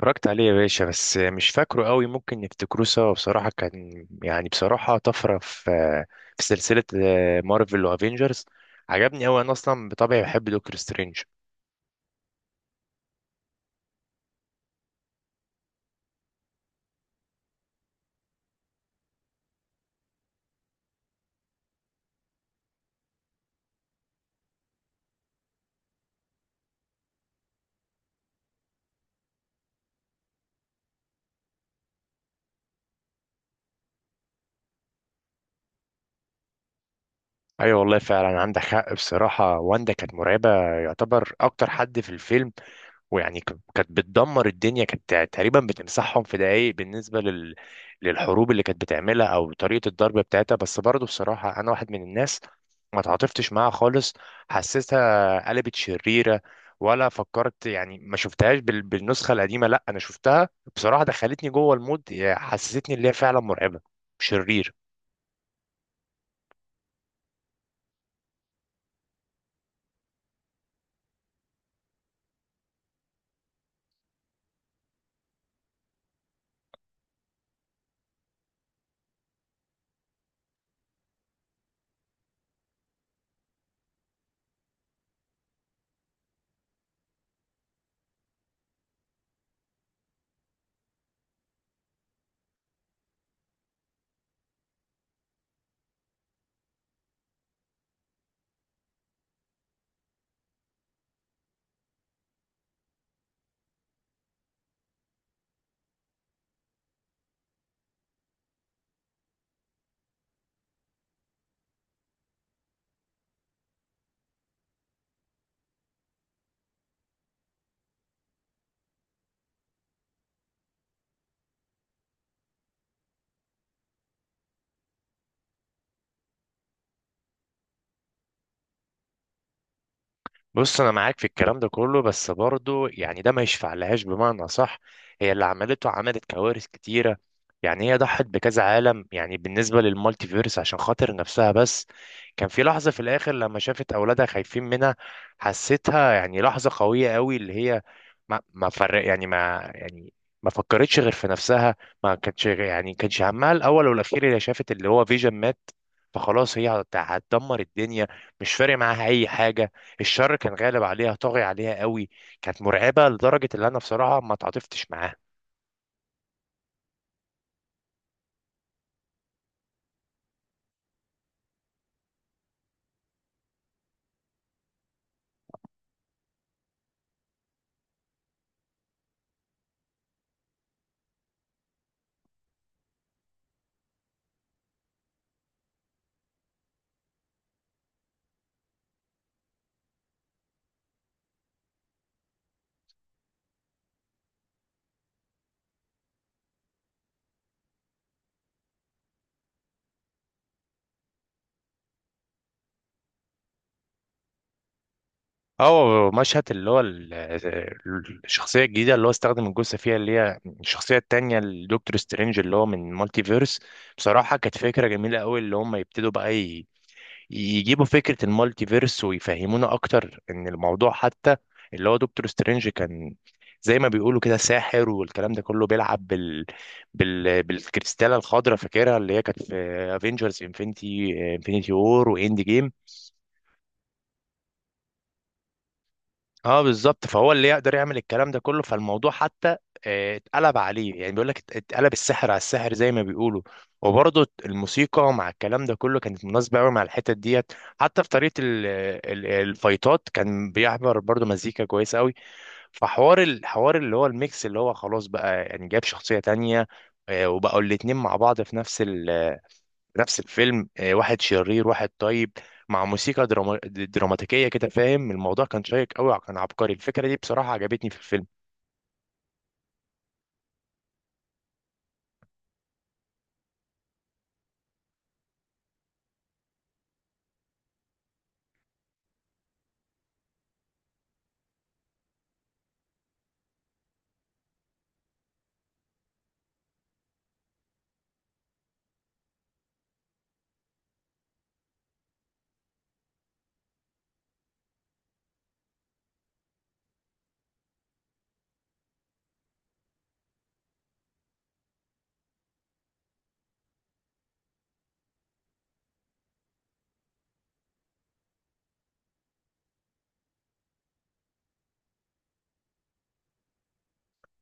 اتفرجت عليه يا باشا، بس مش فاكره قوي. ممكن نفتكروه سوا. بصراحة كان يعني بصراحة طفرة في سلسلة مارفل وافينجرز. عجبني قوي، انا اصلا بطبعي بحب دكتور سترينج. ايوه والله فعلا عندك حق. بصراحة واندا كانت مرعبة، يعتبر اكتر حد في الفيلم، ويعني كانت بتدمر الدنيا، كانت تقريبا بتمسحهم في دقايق. بالنسبة للحروب اللي كانت بتعملها أو طريقة الضرب بتاعتها. بس برضه بصراحة أنا واحد من الناس ما تعاطفتش معاها خالص، حسيتها قلبت شريرة ولا فكرت. يعني ما شفتهاش بالنسخة القديمة، لا أنا شفتها، بصراحة دخلتني جوه المود، حسستني اللي هي فعلا مرعبة، شرير. بص انا معاك في الكلام ده كله، بس برضو يعني ده ما يشفع لهاش بمعنى صح. هي اللي عملته، عملت كوارث كتيره، يعني هي ضحت بكذا عالم يعني بالنسبه للمالتي فيرس عشان خاطر نفسها بس. كان في لحظه في الاخر لما شافت اولادها خايفين منها، حسيتها يعني لحظه قويه قوي، اللي هي ما فرق يعني ما فكرتش غير في نفسها، ما كانتش يعني كانش همها الاول والاخير. هي شافت اللي هو فيجن مات، فخلاص هي هتدمر الدنيا، مش فارق معاها اي حاجه. الشر كان غالب عليها، طاغي عليها قوي، كانت مرعبه لدرجه ان انا بصراحه ما تعاطفتش معاها. او مشهد اللي هو الشخصيه الجديده اللي هو استخدم الجثه فيها، اللي هي الشخصيه التانيه الدكتور سترينج اللي هو من مالتي فيرس، بصراحه كانت فكره جميله قوي اللي هم يبتدوا بقى يجيبوا فكرة المالتي فيرس ويفهمونا أكتر إن الموضوع حتى اللي هو دكتور سترينج كان زي ما بيقولوا كده ساحر، والكلام ده كله بيلعب بالكريستالة الخضراء، فاكرها اللي هي كانت في افنجرز انفنتي وور واند جيم. اه بالظبط، فهو اللي يقدر يعمل الكلام ده كله. فالموضوع حتى اتقلب عليه، يعني بيقول لك اتقلب السحر على السحر زي ما بيقولوا. وبرضه الموسيقى مع الكلام ده كله كانت مناسبة قوي مع الحتت ديت، حتى في طريقة الفايتات كان بيعبر برضه مزيكا كويسة قوي. فحوار الحوار اللي هو الميكس اللي هو خلاص بقى يعني جاب شخصية تانية، وبقوا الاتنين مع بعض في نفس الفيلم، واحد شرير واحد طيب، مع موسيقى دراما دراماتيكية كده فاهم. الموضوع كان شيق قوي، كان عبقري. الفكرة دي بصراحة عجبتني في الفيلم.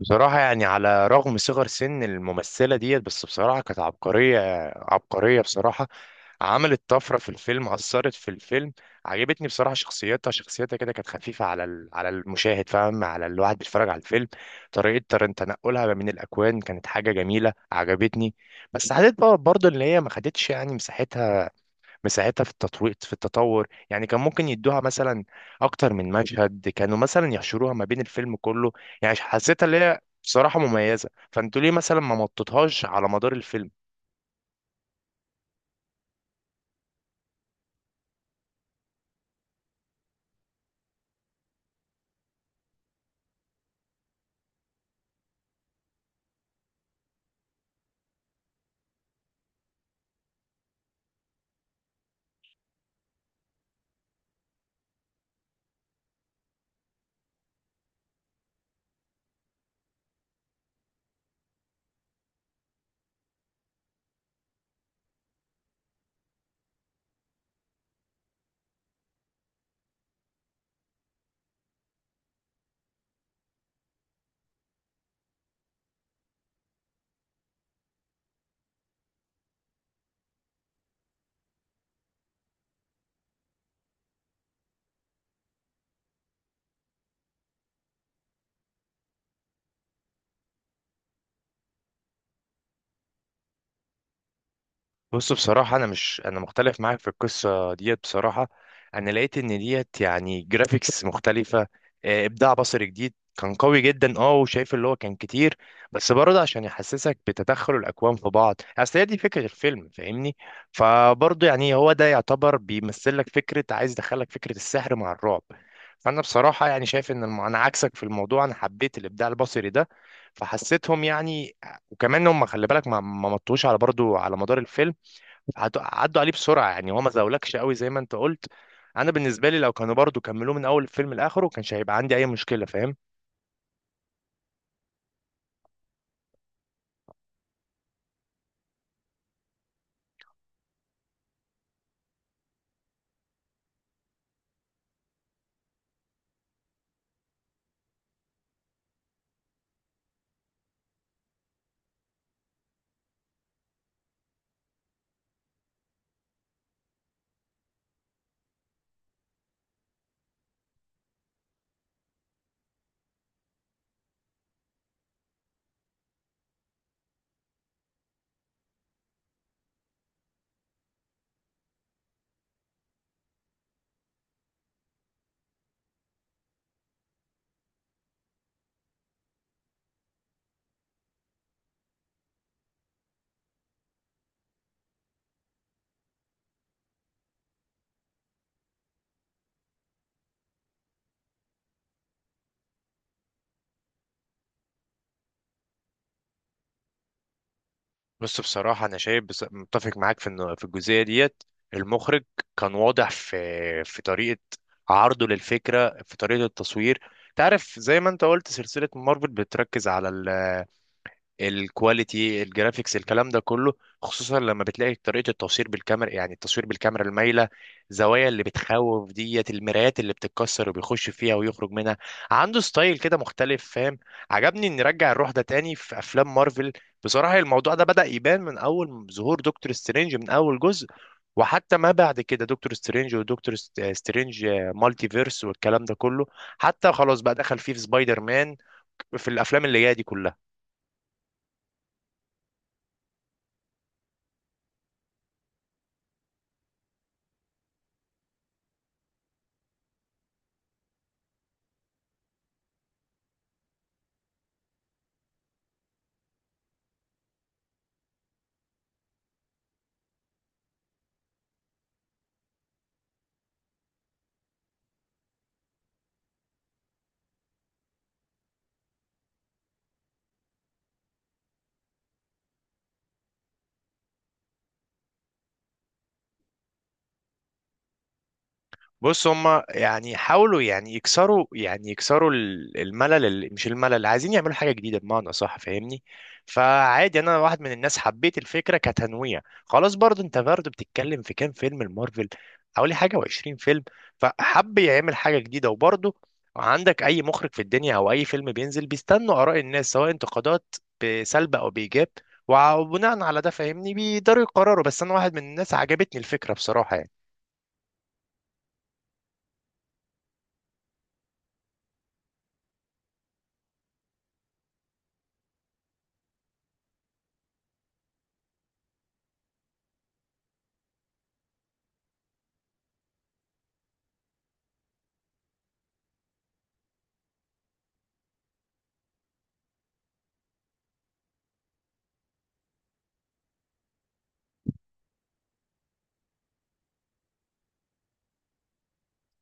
بصراحة يعني على رغم صغر سن الممثلة ديت، بس بصراحة كانت عبقرية، عبقرية بصراحة. عملت طفرة في الفيلم، أثرت في الفيلم. عجبتني بصراحة شخصيتها، شخصيتها كده كانت خفيفة على المشاهد، فاهم، على الواحد بيتفرج على الفيلم. طريقة تنقلها من الأكوان كانت حاجة جميلة، عجبتني. بس حسيت بقى برضه إن هي ما خدتش يعني مساحتها، مساعدتها في التطوير في التطور. يعني كان ممكن يدوها مثلا اكتر من مشهد، كانوا مثلا يحشروها ما بين الفيلم كله. يعني حسيتها اللي هي بصراحة مميزة، فانتوا ليه مثلا ما مططوهاش على مدار الفيلم؟ بص بصراحة أنا مش أنا مختلف معاك في القصة ديت. بصراحة أنا لقيت إن ديت يعني جرافيكس مختلفة، إبداع بصري جديد، كان قوي جدا، أه، وشايف اللي هو كان كتير. بس برضه عشان يحسسك بتدخل الأكوان في بعض، أصل هي دي فكرة الفيلم فاهمني. فبرضه يعني هو ده يعتبر بيمثل لك فكرة، عايز يدخلك فكرة السحر مع الرعب. فأنا بصراحة يعني شايف إن أنا عكسك في الموضوع، أنا حبيت الإبداع البصري ده، فحسيتهم يعني. وكمان هم خلي بالك ما مطوش على برضه على مدار الفيلم، عدوا عليه بسرعه، يعني هو ما زاولكش قوي زي ما انت قلت. انا بالنسبه لي لو كانوا برضو كملوه من اول الفيلم لاخره، ما كانش هيبقى عندي اي مشكله، فاهم. بس بصراحه انا شايف، بس متفق معاك في انه في الجزئيه ديت المخرج كان واضح في في طريقه عرضه للفكره، في طريقه التصوير. تعرف زي ما انت قلت سلسله مارفل بتركز على الكواليتي، الجرافيكس، الكلام ده كله، خصوصا لما بتلاقي طريقة التصوير بالكاميرا، يعني التصوير بالكاميرا المايلة، زوايا اللي بتخوف ديت، المرايات اللي بتتكسر وبيخش فيها ويخرج منها. عنده ستايل كده مختلف فاهم، عجبني ان نرجع الروح ده تاني في افلام مارفل. بصراحة الموضوع ده بدأ يبان من اول ظهور دكتور سترينج من اول جزء، وحتى ما بعد كده دكتور سترينج، ودكتور سترينج مالتي فيرس والكلام ده كله. حتى خلاص بقى دخل فيه في سبايدر مان، في الافلام اللي جايه دي كلها. بص هما يعني حاولوا يعني يكسروا يعني الملل، ال- مش الملل عايزين يعملوا حاجة جديدة بمعنى صح فاهمني. فعادي انا واحد من الناس حبيت الفكرة كتنويع، خلاص. برضه انت برضه بتتكلم في كام فيلم المارفل؟ حوالي حاجة وعشرين فيلم. فحب يعمل حاجة جديدة. وبرضه عندك اي مخرج في الدنيا او اي فيلم بينزل بيستنوا اراء الناس، سواء انتقادات بسلب او بايجاب، وبناء على ده فاهمني بيقدروا يقرروا. بس انا واحد من الناس عجبتني الفكرة بصراحة يعني.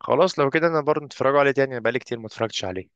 خلاص لو كده انا برضه اتفرجوا عليه تاني، انا بقالي كتير ما اتفرجتش عليه